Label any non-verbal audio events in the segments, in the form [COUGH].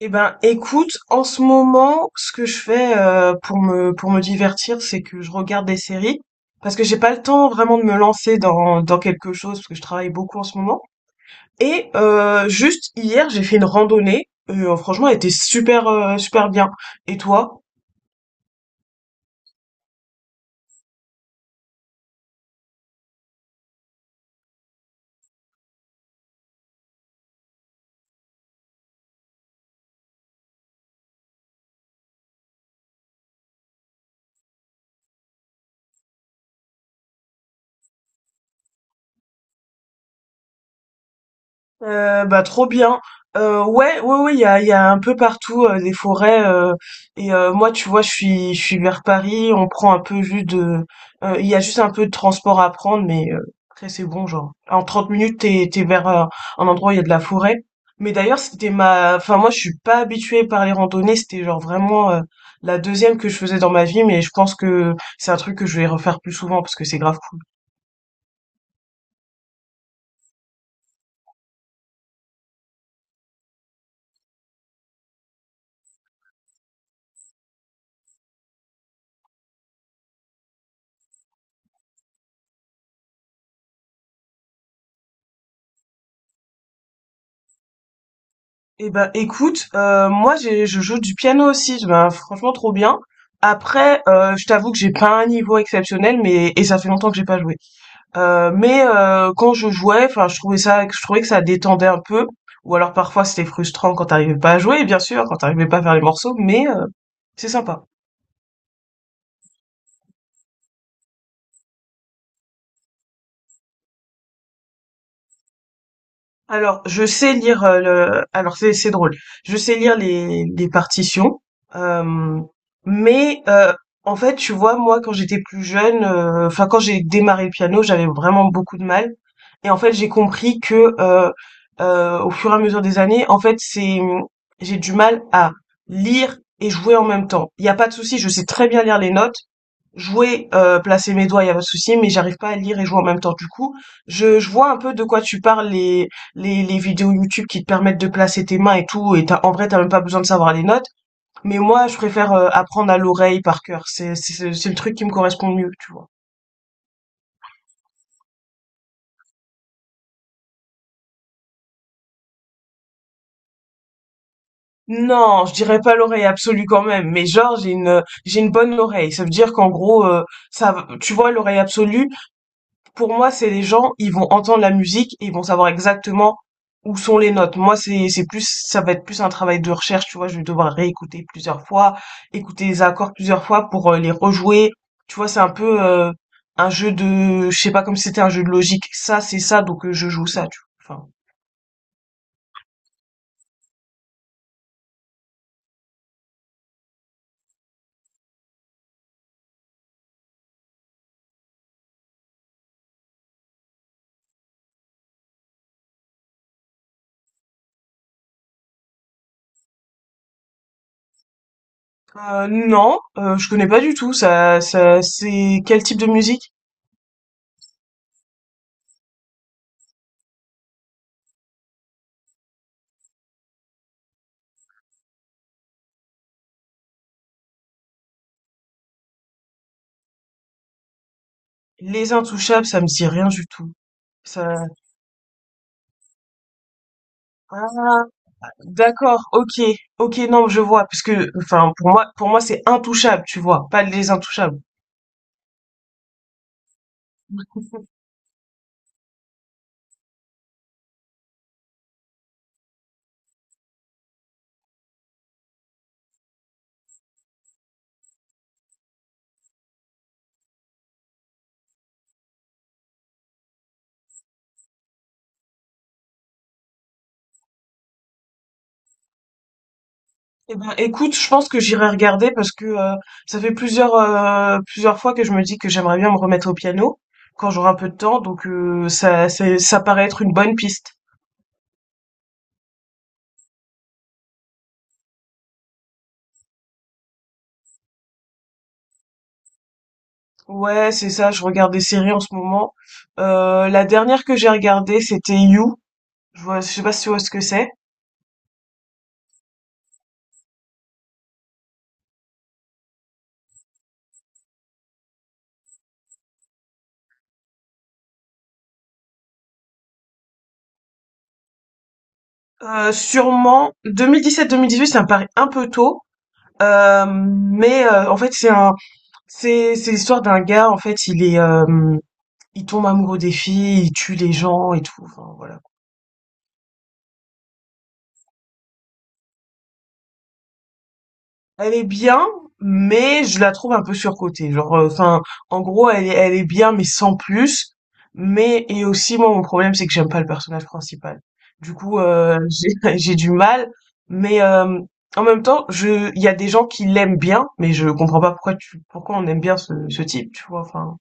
Eh ben, écoute, en ce moment, ce que je fais pour me divertir, c'est que je regarde des séries parce que j'ai pas le temps vraiment de me lancer dans quelque chose parce que je travaille beaucoup en ce moment. Et juste hier, j'ai fait une randonnée. Et, franchement, elle était super super bien. Et toi? Bah trop bien. Ouais, ouais, ouais, il y a un peu partout des forêts. Et moi, tu vois, je suis vers Paris. On prend un peu juste de, il y a juste un peu de transport à prendre, mais après c'est bon, genre en 30 minutes t'es, t'es vers un endroit où il y a de la forêt. Mais d'ailleurs, c'était ma, enfin moi, je suis pas habituée par les randonnées. C'était genre vraiment la deuxième que je faisais dans ma vie, mais je pense que c'est un truc que je vais refaire plus souvent parce que c'est grave cool. Eh ben écoute, moi j'ai je joue du piano aussi, ben, franchement trop bien. Après, je t'avoue que j'ai pas un niveau exceptionnel, mais et ça fait longtemps que j'ai pas joué. Quand je jouais, enfin je trouvais ça, je trouvais que ça détendait un peu. Ou alors parfois c'était frustrant quand t'arrivais pas à jouer, bien sûr, quand t'arrivais pas à faire les morceaux, mais c'est sympa. Alors, je sais lire, le alors c'est drôle. Je sais lire les partitions, hem, mais, heu, en fait, tu vois, moi, quand j'étais plus jeune, enfin, quand j'ai démarré le piano, j'avais vraiment beaucoup de mal et en fait, j'ai compris que, au fur et à mesure des années, en fait, c'est, j'ai du mal à lire et jouer en même temps. Il y a pas de souci, je sais très bien lire les notes, jouer, placer mes doigts, il y a pas de souci, mais j'arrive pas à lire et jouer en même temps. Du coup, je vois un peu de quoi tu parles, les vidéos YouTube qui te permettent de placer tes mains et tout, et t'as, en vrai, t'as même pas besoin de savoir les notes. Mais moi, je préfère apprendre à l'oreille par cœur. C'est le truc qui me correspond le mieux, tu vois. Non, je dirais pas l'oreille absolue quand même, mais genre j'ai une bonne oreille. Ça veut dire qu'en gros ça tu vois l'oreille absolue, pour moi, c'est les gens, ils vont entendre la musique et ils vont savoir exactement où sont les notes. Moi, c'est plus ça va être plus un travail de recherche, tu vois, je vais devoir réécouter plusieurs fois, écouter les accords plusieurs fois pour les rejouer. Tu vois, c'est un peu un jeu de je sais pas comme si c'était un jeu de logique. Ça, c'est ça, donc je joue ça, tu vois. Enfin, non, je connais pas du tout. Ça, c'est quel type de musique? Les Intouchables, ça me dit rien du tout. Ça... Ah, d'accord, ok, ok, non, je vois, parce que, enfin, pour moi, c'est intouchable, tu vois, pas les Intouchables. Eh ben, écoute, je pense que j'irai regarder parce que ça fait plusieurs plusieurs fois que je me dis que j'aimerais bien me remettre au piano quand j'aurai un peu de temps, donc ça paraît être une bonne piste. Ouais, c'est ça. Je regarde des séries en ce moment. La dernière que j'ai regardée, c'était You. Je vois, je sais pas si tu vois ce que c'est. Sûrement 2017-2018, ça me paraît un peu tôt, en fait c'est l'histoire d'un gars en fait il tombe amoureux des filles, il tue les gens et tout. Enfin, voilà. Elle est bien, mais je la trouve un peu surcotée. Genre, enfin, en gros, elle est bien, mais sans plus. Mais et aussi, moi, mon problème, c'est que j'aime pas le personnage principal. Du coup, j'ai [LAUGHS] j'ai du mal, mais hem, en même temps, je il y a des gens qui l'aiment bien, mais je comprends pas pourquoi tu pourquoi on aime bien ce type, tu vois? Enfin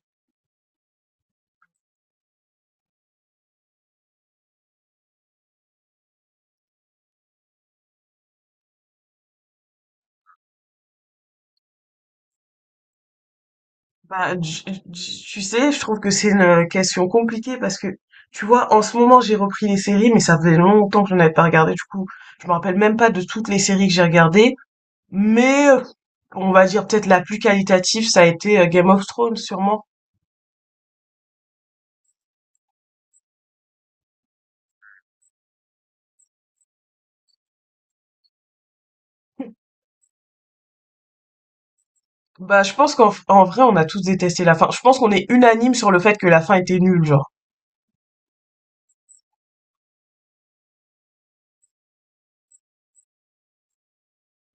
Bah, tu sais, je trouve que c'est une question compliquée parce que, tu vois, en ce moment, j'ai repris les séries, mais ça faisait longtemps que je n'en avais pas regardé. Du coup, je me rappelle même pas de toutes les séries que j'ai regardées. Mais, on va dire peut-être la plus qualitative, ça a été Game of Thrones, sûrement. Bah, je pense qu'en en vrai, on a tous détesté la fin. Je pense qu'on est unanime sur le fait que la fin était nulle, genre.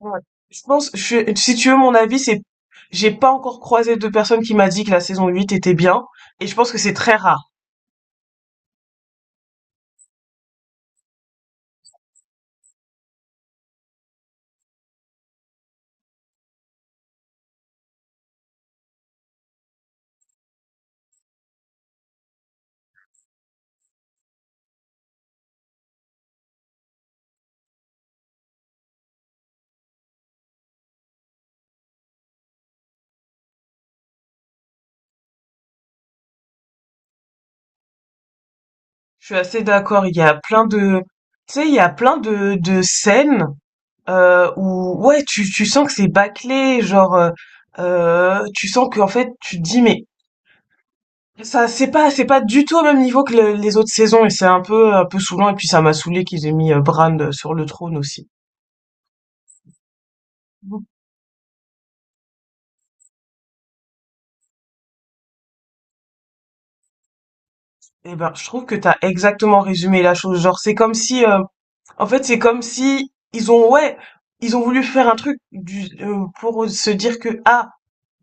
Ouais. Je pense, si tu veux mon avis, c'est, j'ai pas encore croisé de personne qui m'a dit que la saison 8 était bien, et je pense que c'est très rare. Je suis assez d'accord. Il y a plein de, tu sais, il y a plein de scènes où, ouais, tu sens que c'est bâclé, genre, tu sens qu'en fait, tu te dis, mais ça, c'est pas du tout au même niveau que les autres saisons, et c'est un peu saoulant. Et puis ça m'a saoulé qu'ils aient mis Bran sur le trône aussi. Eh ben, je trouve que t'as exactement résumé la chose. Genre, c'est comme si, en fait, c'est comme si ils ont, ouais, ils ont voulu faire un truc pour se dire que ah,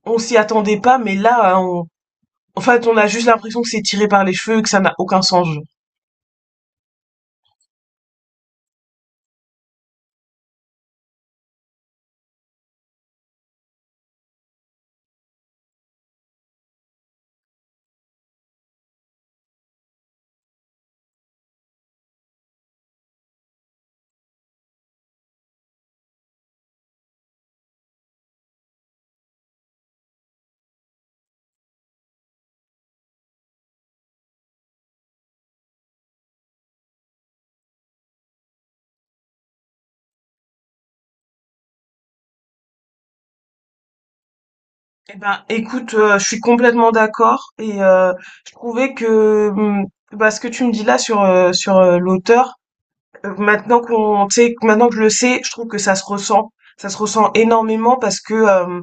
on s'y attendait pas, mais là, en fait, on a juste l'impression que c'est tiré par les cheveux, que ça n'a aucun sens. Genre. Eh ben, écoute, je suis complètement d'accord et je trouvais que bah, ce que tu me dis là sur l'auteur, Maintenant qu'on sait, maintenant que je le sais, je trouve que ça se ressent. Ça se ressent énormément parce que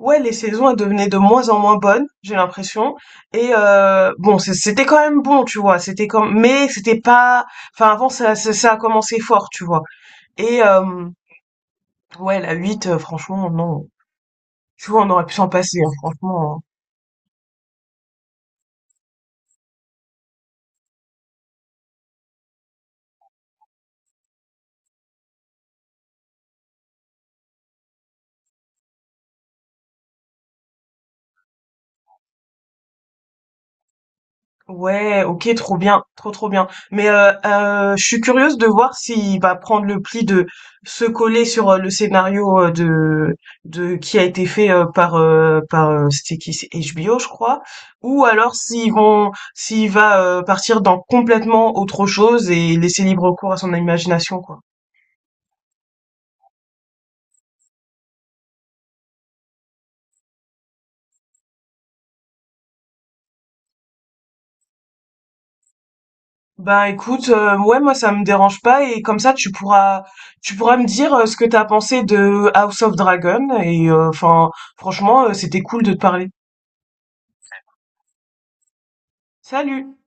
ouais, les saisons elles devenaient de moins en moins bonnes, j'ai l'impression. Et bon, c'était quand même bon, tu vois. C'était comme, mais c'était pas. Enfin, avant ça, ça a commencé fort, tu vois. Et ouais, la 8, franchement, non. Tu vois, on aurait pu s'en passer, hein, franchement. Hein. Ouais, ok, trop bien, trop bien. Mais je suis curieuse de voir s'il va prendre le pli de se coller sur le scénario de qui a été fait par par c'était qui c'est HBO je crois, ou alors s'il va partir dans complètement autre chose et laisser libre cours à son imagination quoi. Bah écoute, ouais moi ça me dérange pas et comme ça tu pourras me dire ce que t'as pensé de House of Dragon et enfin franchement c'était cool de te parler. Salut